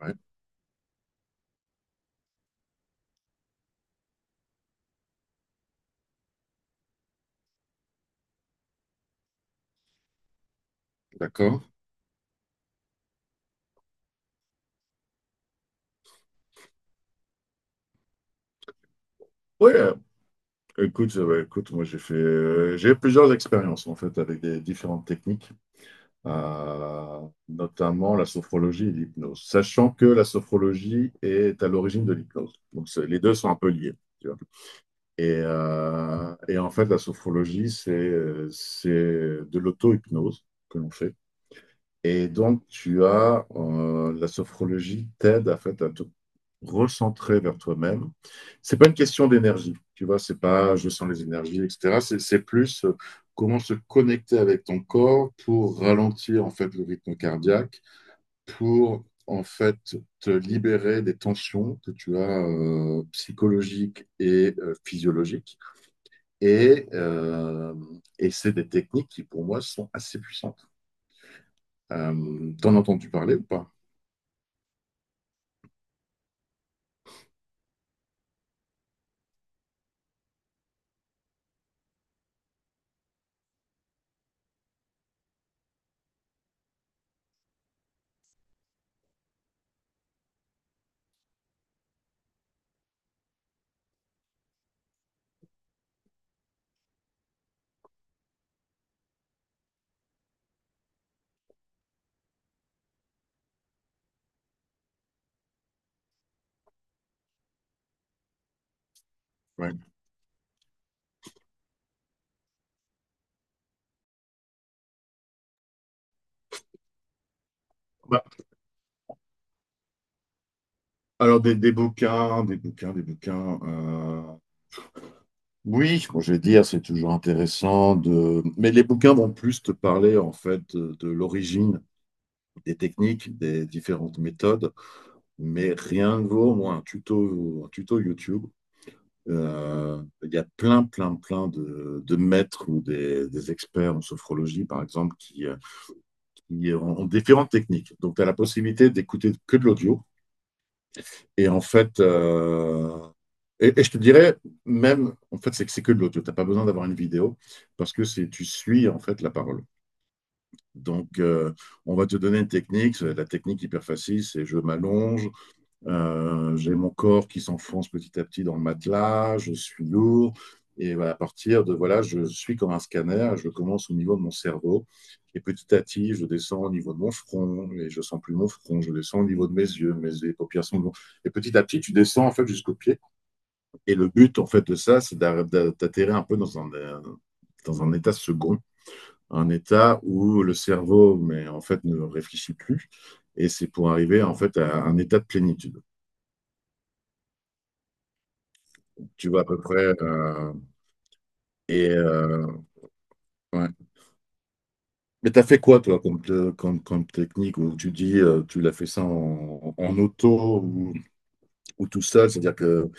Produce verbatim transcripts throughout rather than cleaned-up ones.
Ouais, d'accord. Oui, euh, écoute, euh, ouais, écoute, moi j'ai fait, euh, j'ai eu plusieurs expériences en fait avec des différentes techniques, euh, notamment la sophrologie et l'hypnose, sachant que la sophrologie est à l'origine de l'hypnose. Donc c'est- les deux sont un peu liés, tu vois. Et, euh, et en fait, la sophrologie, c'est euh, c'est de l'auto-hypnose que l'on fait. Et donc, tu as euh, la sophrologie t'aide à, fait, à te recentrer vers toi-même. C'est pas une question d'énergie, tu vois, c'est pas je sens les énergies, et cetera. C'est c'est plus euh, comment se connecter avec ton corps pour ralentir en fait le rythme cardiaque, pour en fait te libérer des tensions que tu as euh, psychologiques et euh, physiologiques. Et, euh, et c'est des techniques qui pour moi sont assez puissantes. Euh, t'en as entendu parler ou pas? Ouais. Bah, alors des, des bouquins, des bouquins, des bouquins. euh, Oui, bon, je vais dire, c'est toujours intéressant de. Mais les bouquins vont plus te parler en fait de, de l'origine des techniques, des différentes méthodes. Mais rien ne vaut moi un tuto, un tuto YouTube. Euh, Il y a plein, plein, plein de, de maîtres ou des, des experts en sophrologie, par exemple, qui, euh, qui ont, ont différentes techniques. Donc, tu as la possibilité d'écouter que de l'audio. Et en fait, euh, et, et je te dirais même, en fait, c'est que c'est que de l'audio. Tu n'as pas besoin d'avoir une vidéo parce que c'est tu suis en fait la parole. Donc, euh, on va te donner une technique. C'est La technique hyper facile, c'est je m'allonge, euh, j'ai mon corps qui s'enfonce petit à petit dans le matelas, je suis lourd. Et voilà, à partir de, voilà, je suis comme un scanner, je commence au niveau de mon cerveau. Et petit à petit, je descends au niveau de mon front, et je ne sens plus mon front, je descends au niveau de mes yeux, mes les paupières sont lourdes. Et petit à petit, tu descends en fait jusqu'aux pieds. Et le but en fait de ça, c'est d'atterrir un peu dans un, dans un état second, un état où le cerveau, mais en fait, ne réfléchit plus. Et c'est pour arriver en fait à un état de plénitude. Tu vois à peu près. euh, et, euh, ouais. Mais t'as fait quoi, toi, comme, te- comme, comme technique, où tu dis, euh, tu l'as fait ça en, en auto ou, ou tout seul, c'est-à-dire que...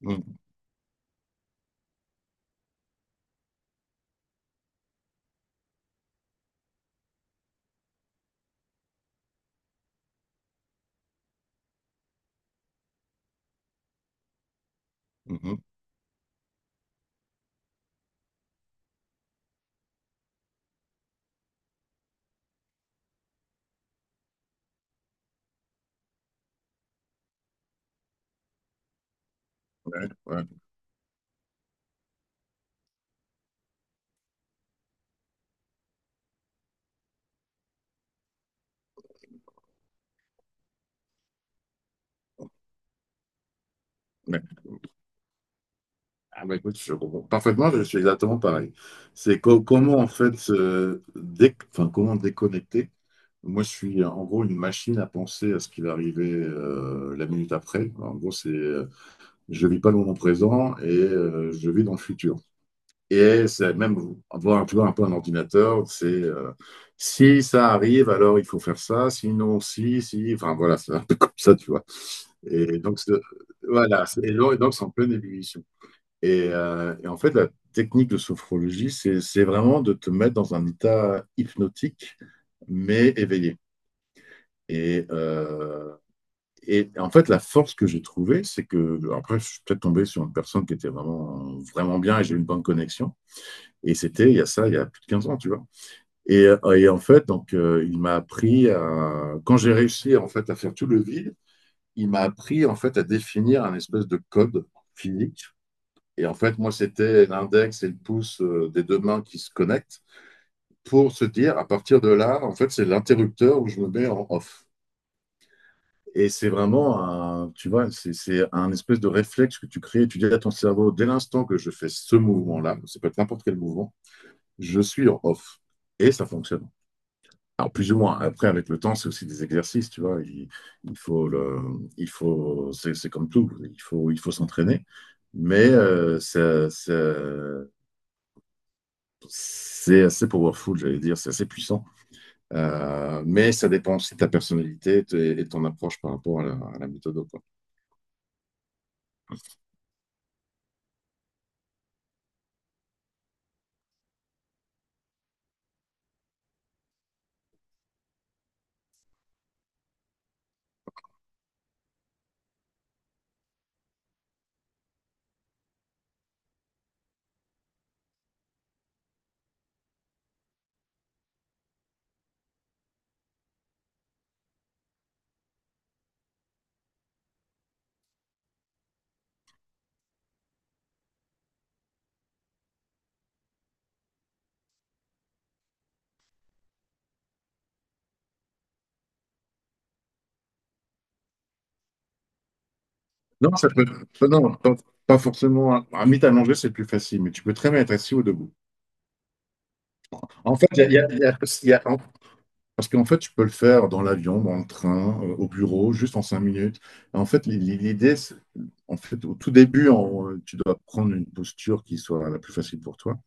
Mhm, mhm, ouais, ouais, ouais. Ah bah écoute, je comprends parfaitement, je suis exactement pareil. C'est co- comment, en fait, euh, dé- enfin, comment déconnecter? Moi, je suis en gros une machine à penser à ce qui va arriver euh, la minute après. En gros, c'est, euh, je vis pas le moment présent et euh, je vis dans le futur. Et c'est même avoir un peu un ordinateur, c'est euh, si ça arrive, alors il faut faire ça, sinon, si, si, enfin voilà, c'est un peu comme ça, tu vois. Et donc, c'est- voilà, c'est- et donc, et donc, c'est en pleine ébullition. Et, euh, et en fait, la technique de sophrologie, c'est c'est vraiment de te mettre dans un état hypnotique, mais éveillé. Et, euh, et en fait, la force que j'ai trouvée, c'est que, après, je suis peut-être tombé sur une personne qui était vraiment, vraiment bien et j'ai eu une bonne connexion. Et c'était il y a ça, il y a plus de quinze ans, tu vois. Et, euh, et en fait, donc, euh, il m'a appris à, quand j'ai réussi en fait à faire tout le vide, il m'a appris en fait à définir un espèce de code physique. Et en fait, moi, c'était l'index et le pouce euh, des deux mains qui se connectent pour se dire, à partir de là, en fait, c'est l'interrupteur où je me mets en off. Et c'est vraiment un, tu vois, c'est c'est un espèce de réflexe que tu crées. Tu dis à ton cerveau, dès l'instant que je fais ce mouvement-là, ça peut être n'importe quel mouvement, je suis en off. Et ça fonctionne. Alors, plus ou moins. Après, avec le temps, c'est aussi des exercices, tu vois. Il, il faut le, il faut, c'est c'est comme tout. Il faut, il faut s'entraîner. Mais euh, c'est c'est- c'est assez powerful, j'allais dire. C'est assez puissant. Euh, mais ça dépend aussi de ta personnalité et t- et ton approche par rapport à la, à la méthode, quoi. Non, ça peut, euh, non, pas, pas forcément. Un mythe à manger, c'est plus facile, mais tu peux très bien être assis ou debout. En fait, il y a, il y a- il y a- il y a- parce qu'en fait, tu peux le faire dans l'avion, dans le train, euh, au bureau, juste en cinq minutes. En fait, l'i- l'idée, c'est- en fait, au tout début, en- euh, tu dois prendre une posture qui soit la plus facile pour toi.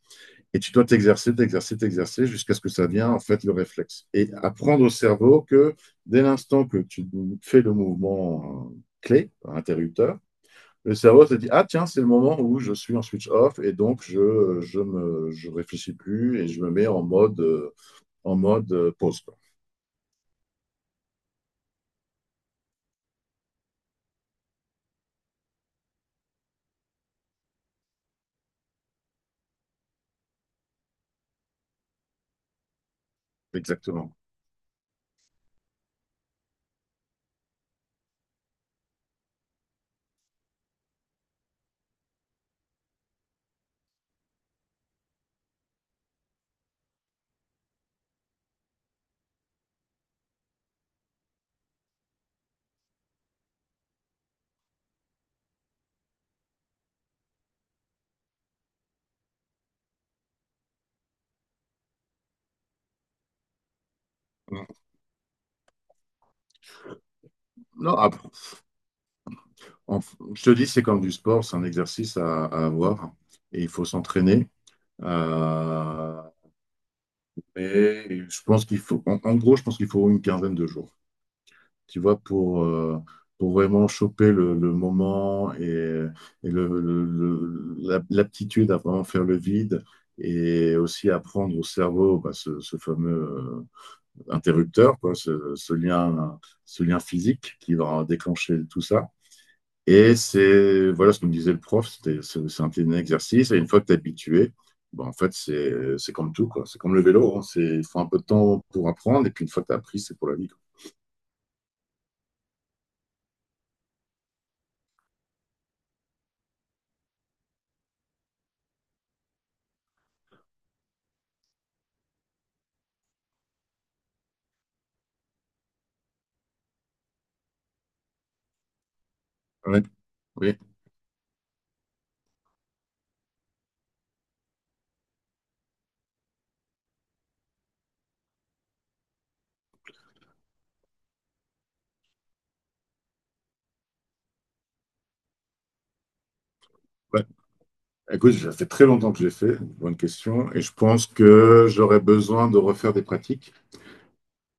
Et tu dois t'exercer, t'exercer, t'exercer jusqu'à ce que ça vienne, en fait, le réflexe. Et apprendre au cerveau que dès l'instant que tu fais le mouvement euh, clé, interrupteur, le cerveau se dit, ah tiens, c'est le moment où je suis en switch off et donc je, je me, je réfléchis plus et je me mets en mode, euh, en mode euh, pause, quoi. Exactement. Non, après, en- je te dis, c'est comme du sport, c'est un exercice à, à avoir et il faut s'entraîner. Euh, mais je pense qu'il faut, en, en gros, je pense qu'il faut une quinzaine de jours, tu vois, pour, euh, pour vraiment choper le, le moment et, et le, le- le- la- l'aptitude à vraiment faire le vide et aussi apprendre au cerveau bah, ce, ce fameux euh, interrupteur, quoi, ce, ce lien, ce lien physique qui va déclencher tout ça. Et c'est, voilà ce que me disait le prof, c'était, c'est c'est un petit exercice, et une fois que tu es habitué, ben, en fait, c'est c'est comme tout, quoi. C'est comme le vélo, hein. C'est, il faut un peu de temps pour apprendre, et puis une fois que tu as appris, c'est pour la vie, quoi. Ouais. Oui, ouais. Écoute, ça fait très longtemps que j'ai fait, bonne question, et je pense que j'aurais besoin de refaire des pratiques.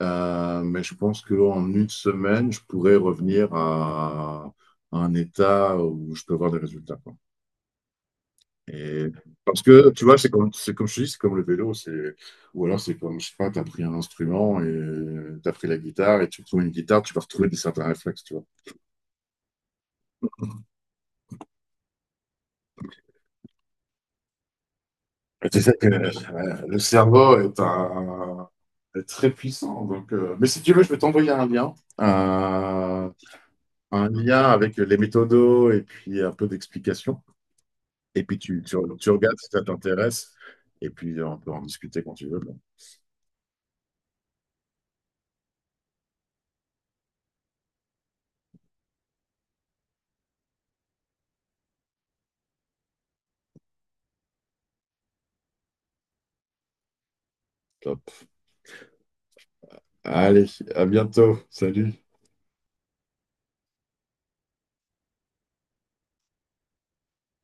Euh, mais je pense qu'en une semaine, je pourrais revenir à, à un état où je peux avoir des résultats. Et parce que, tu vois, c'est comme, c'est comme je te dis, c'est comme le vélo, c'est, ou alors c'est comme, je sais pas, t'as pris un instrument et t'as pris la guitare et tu trouves une guitare, tu vas retrouver des certains réflexes, tu vois. Et tu sais que euh, le cerveau est un, est très puissant. Donc, euh, mais si tu veux, je vais t'envoyer un lien, euh, un lien avec les méthodos et puis un peu d'explication. Et puis tu, tu, tu regardes si ça t'intéresse. Et puis on peut en discuter quand tu veux. Bon, top. Allez, à bientôt. Salut.